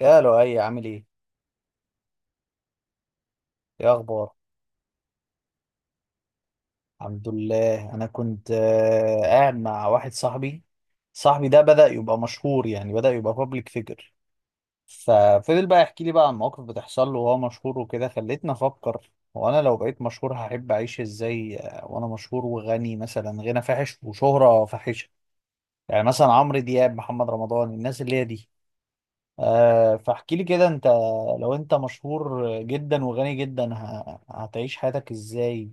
يا لؤي عامل ايه؟ ايه اخبار؟ الحمد لله انا كنت قاعد مع واحد صاحبي. صاحبي ده بدأ يبقى مشهور، يعني بدأ يبقى بابليك فيجر. ففضل بقى يحكي لي بقى عن مواقف بتحصل له وهو مشهور وكده، خلتني افكر هو انا لو بقيت مشهور هحب اعيش ازاي. وانا مشهور وغني، مثلا غنى فاحش وشهرة فاحشة، يعني مثلا عمرو دياب، محمد رمضان، الناس اللي هي دي. أه، فاحكي لي كده انت، لو انت مشهور جدا وغني جدا هتعيش حياتك ازاي.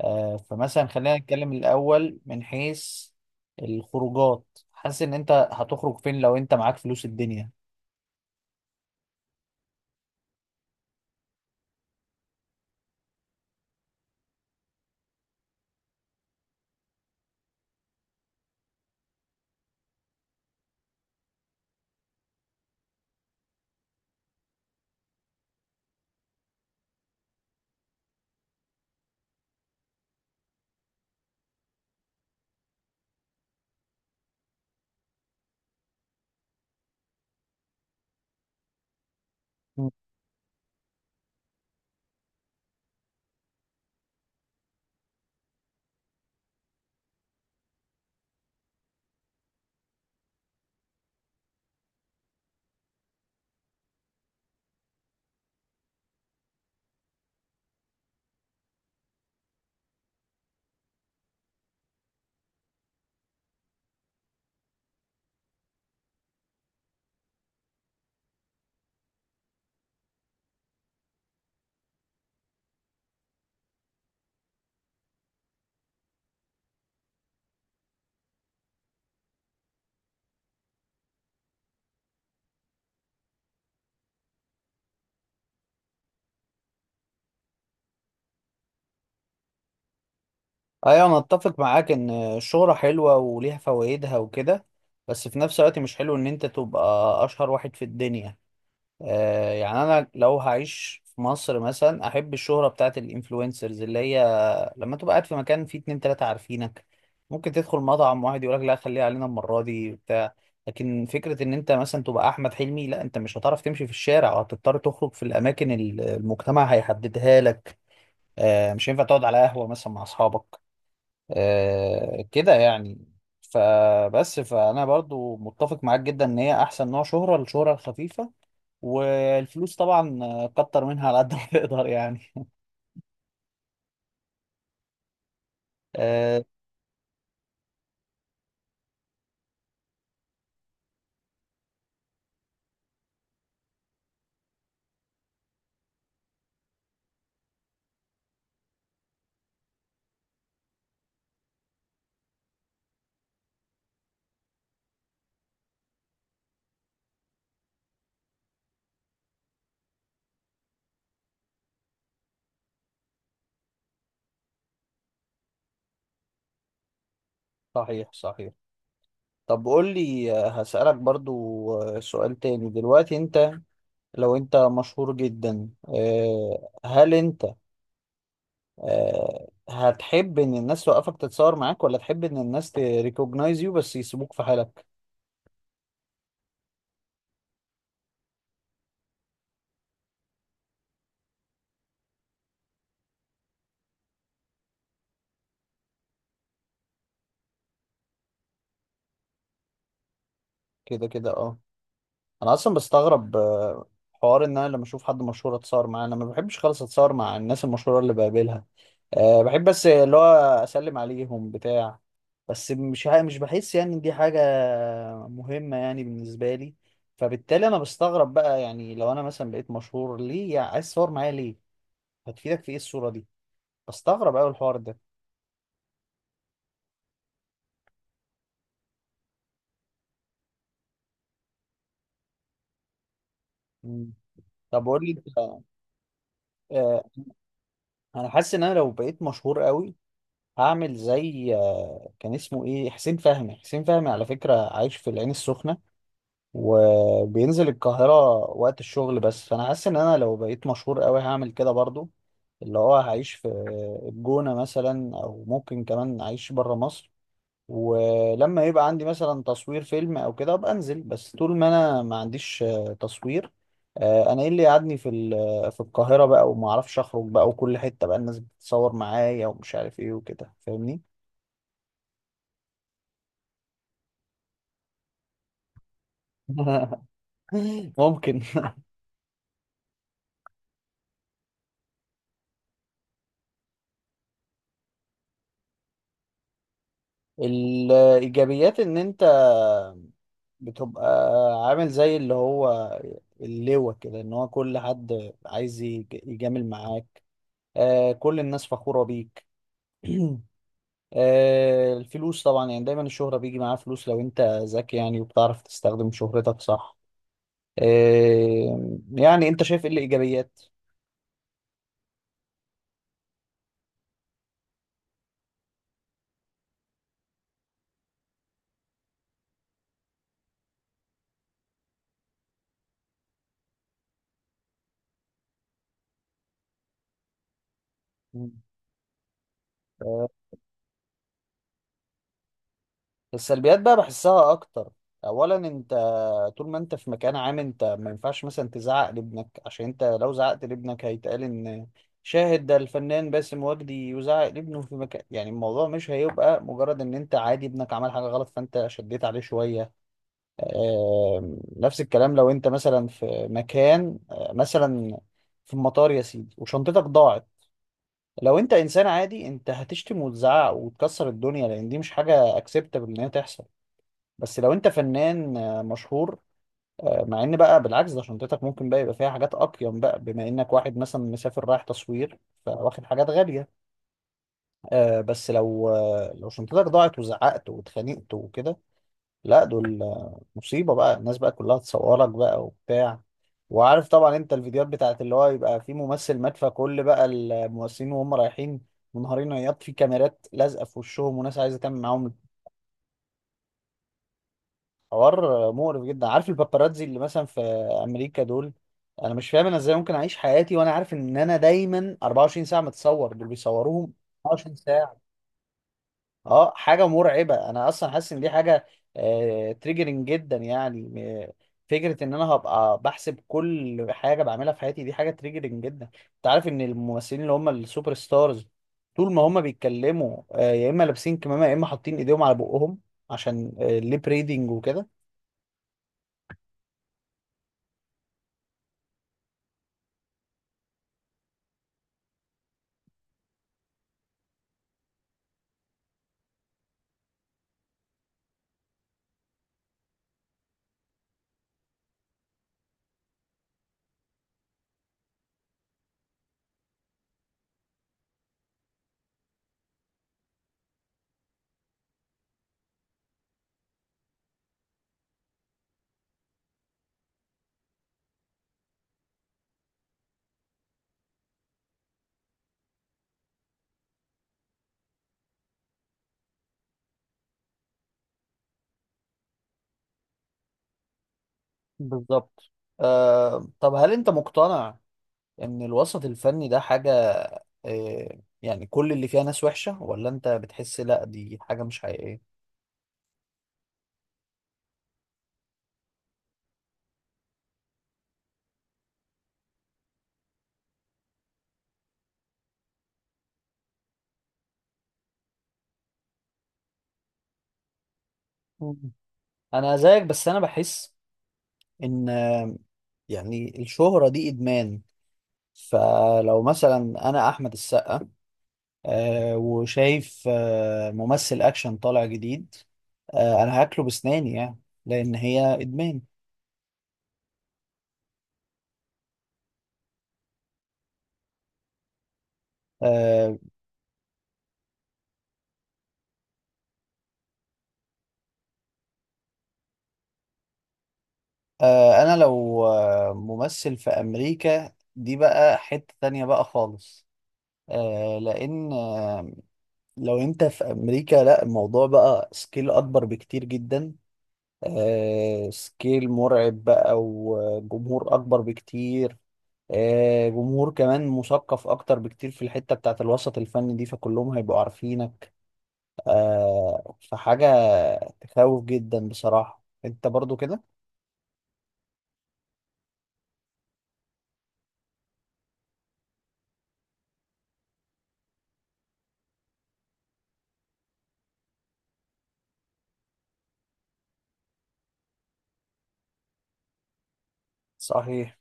فمثلا خلينا نتكلم الأول من حيث الخروجات. حاسس إن أنت هتخرج فين لو أنت معاك فلوس الدنيا. مم. أيوة، أنا أتفق معاك إن الشهرة حلوة وليها فوائدها وكده، بس في نفس الوقت مش حلو إن أنت تبقى أشهر واحد في الدنيا. يعني أنا لو هعيش في مصر مثلا أحب الشهرة بتاعت الإنفلونسرز، اللي هي لما تبقى قاعد في مكان فيه اتنين تلاتة عارفينك، ممكن تدخل مطعم واحد يقولك لا خليها علينا المرة دي، بتاع. لكن فكرة ان انت مثلا تبقى احمد حلمي، لا، انت مش هتعرف تمشي في الشارع وهتضطر تخرج في الاماكن المجتمع هيحددها لك. آه، مش هينفع تقعد على قهوة مثلا مع اصحابك، آه كده يعني. فبس فانا برضو متفق معاك جدا ان هي احسن نوع شهرة، الشهرة الخفيفة. والفلوس طبعا، كتر منها على قد ما تقدر يعني. آه. صحيح صحيح. طب قول لي، هسألك برضو سؤال تاني دلوقتي. انت لو انت مشهور جدا، هل انت هتحب ان الناس توقفك تتصور معاك، ولا تحب ان الناس تريكوجنايز يو بس يسيبوك في حالك؟ كده كده، اه. انا اصلا بستغرب حوار ان انا لما اشوف حد مشهور اتصور معاه. انا ما بحبش خالص اتصور مع الناس المشهوره اللي بقابلها. أه، بحب بس اللي هو اسلم عليهم بتاع، بس مش بحس يعني إن دي حاجه مهمه يعني بالنسبه لي. فبالتالي انا بستغرب بقى، يعني لو انا مثلا بقيت مشهور ليه يعني عايز تصور معايا؟ ليه هتفيدك في ايه الصوره دي؟ بستغرب قوي الحوار ده. مم. طب قول لي انت، آه، انا حاسس ان انا لو بقيت مشهور قوي هعمل زي، كان اسمه ايه، حسين فهمي. حسين فهمي على فكرة عايش في العين السخنة، وبينزل القاهرة وقت الشغل بس. فانا حاسس ان انا لو بقيت مشهور قوي هعمل كده برضو، اللي هو هعيش في الجونة مثلا، او ممكن كمان اعيش بره مصر. ولما يبقى عندي مثلا تصوير فيلم او كده ابقى انزل، بس طول ما انا ما عنديش تصوير، انا ايه اللي قعدني في في القاهرة بقى، وما اعرفش اخرج بقى وكل حتة بقى الناس بتتصور معايا ومش عارف ايه وكده، فاهمني. ممكن. الإيجابيات إن أنت بتبقى عامل زي اللي هو اللواء كده، إن هو كل حد عايز يجامل معاك، آه كل الناس فخورة بيك. آه، الفلوس طبعا، يعني دايما الشهرة بيجي معاها فلوس لو أنت ذكي يعني وبتعرف تستخدم شهرتك صح. آه، يعني أنت شايف إيه الإيجابيات؟ السلبيات بقى بحسها اكتر. اولا انت طول ما انت في مكان عام، انت ما ينفعش مثلا تزعق لابنك، عشان انت لو زعقت لابنك هيتقال ان شاهد ده الفنان باسم وجدي يزعق لابنه في مكان، يعني الموضوع مش هيبقى مجرد ان انت عادي ابنك عمل حاجة غلط فانت شديت عليه شوية. نفس الكلام لو انت مثلا في مكان، مثلا في المطار يا سيدي وشنطتك ضاعت. لو انت انسان عادي، انت هتشتم وتزعق وتكسر الدنيا، لان دي مش حاجة اكسبتable ان هي تحصل. بس لو انت فنان مشهور، مع ان بقى بالعكس، ده شنطتك ممكن بقى يبقى فيها حاجات اقيم بقى، بما انك واحد مثلا مسافر رايح تصوير فواخد حاجات غالية. بس لو، لو شنطتك ضاعت وزعقت واتخانقت وكده، لا دول، مصيبة بقى، الناس بقى كلها تصورك بقى وبتاع. وعارف طبعا انت الفيديوهات بتاعت اللي هو يبقى في ممثل مات، فكل بقى الممثلين وهم رايحين منهارين عياط في كاميرات لازقة في وشهم، وناس عايزة تعمل معاهم حوار مقرف جدا. عارف الباباراتزي اللي مثلا في امريكا دول، انا مش فاهم انا ازاي ممكن اعيش حياتي وانا عارف ان انا دايما 24 ساعه متصور. دول بيصوروهم 24 ساعه. اه حاجه مرعبه. انا اصلا حاسس ان دي حاجه آه تريجرنج جدا، يعني فكره ان انا هبقى بحسب كل حاجه بعملها في حياتي، دي حاجه تريجرنج جدا. انت عارف ان الممثلين اللي هم السوبر ستارز طول ما هم بيتكلموا آه، يا اما لابسين كمامه يا اما حاطين ايديهم على بقهم، عشان الليب ريدنج وكده. بالظبط. آه، طب هل انت مقتنع ان الوسط الفني ده حاجة آه، يعني كل اللي فيها ناس وحشة، ولا انت بتحس لا دي حاجة مش حقيقية؟ مم. انا زيك، بس انا بحس ان، يعني الشهرة دي ادمان. فلو مثلا انا احمد السقا آه، وشايف آه ممثل اكشن طالع جديد، آه انا هاكله بسناني يعني، لان هي ادمان. آه، انا لو ممثل في امريكا، دي بقى حتة تانية بقى خالص. لان، لو انت في امريكا لا الموضوع بقى سكيل اكبر بكتير جدا، سكيل مرعب بقى وجمهور اكبر بكتير، جمهور كمان مثقف اكتر بكتير في الحتة بتاعت الوسط الفني دي، فكلهم هيبقوا عارفينك. فحاجة تخوف جدا بصراحة. انت برضو كده؟ صحيح.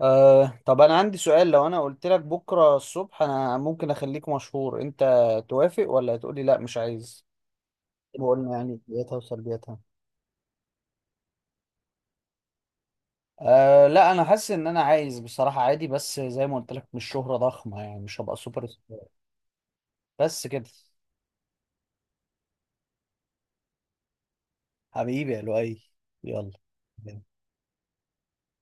أه طب انا عندي سؤال، لو انا قلت لك بكره الصبح انا ممكن اخليك مشهور، انت توافق ولا تقولي لا مش عايز؟ وقلنا يعني ايجابياتها وسلبياتها. أه لا انا حاسس ان انا عايز بصراحه عادي، بس زي ما قلت لك مش شهره ضخمه يعني، مش هبقى سوبر ستار، بس كده. حبيبي يا لؤي، يلا.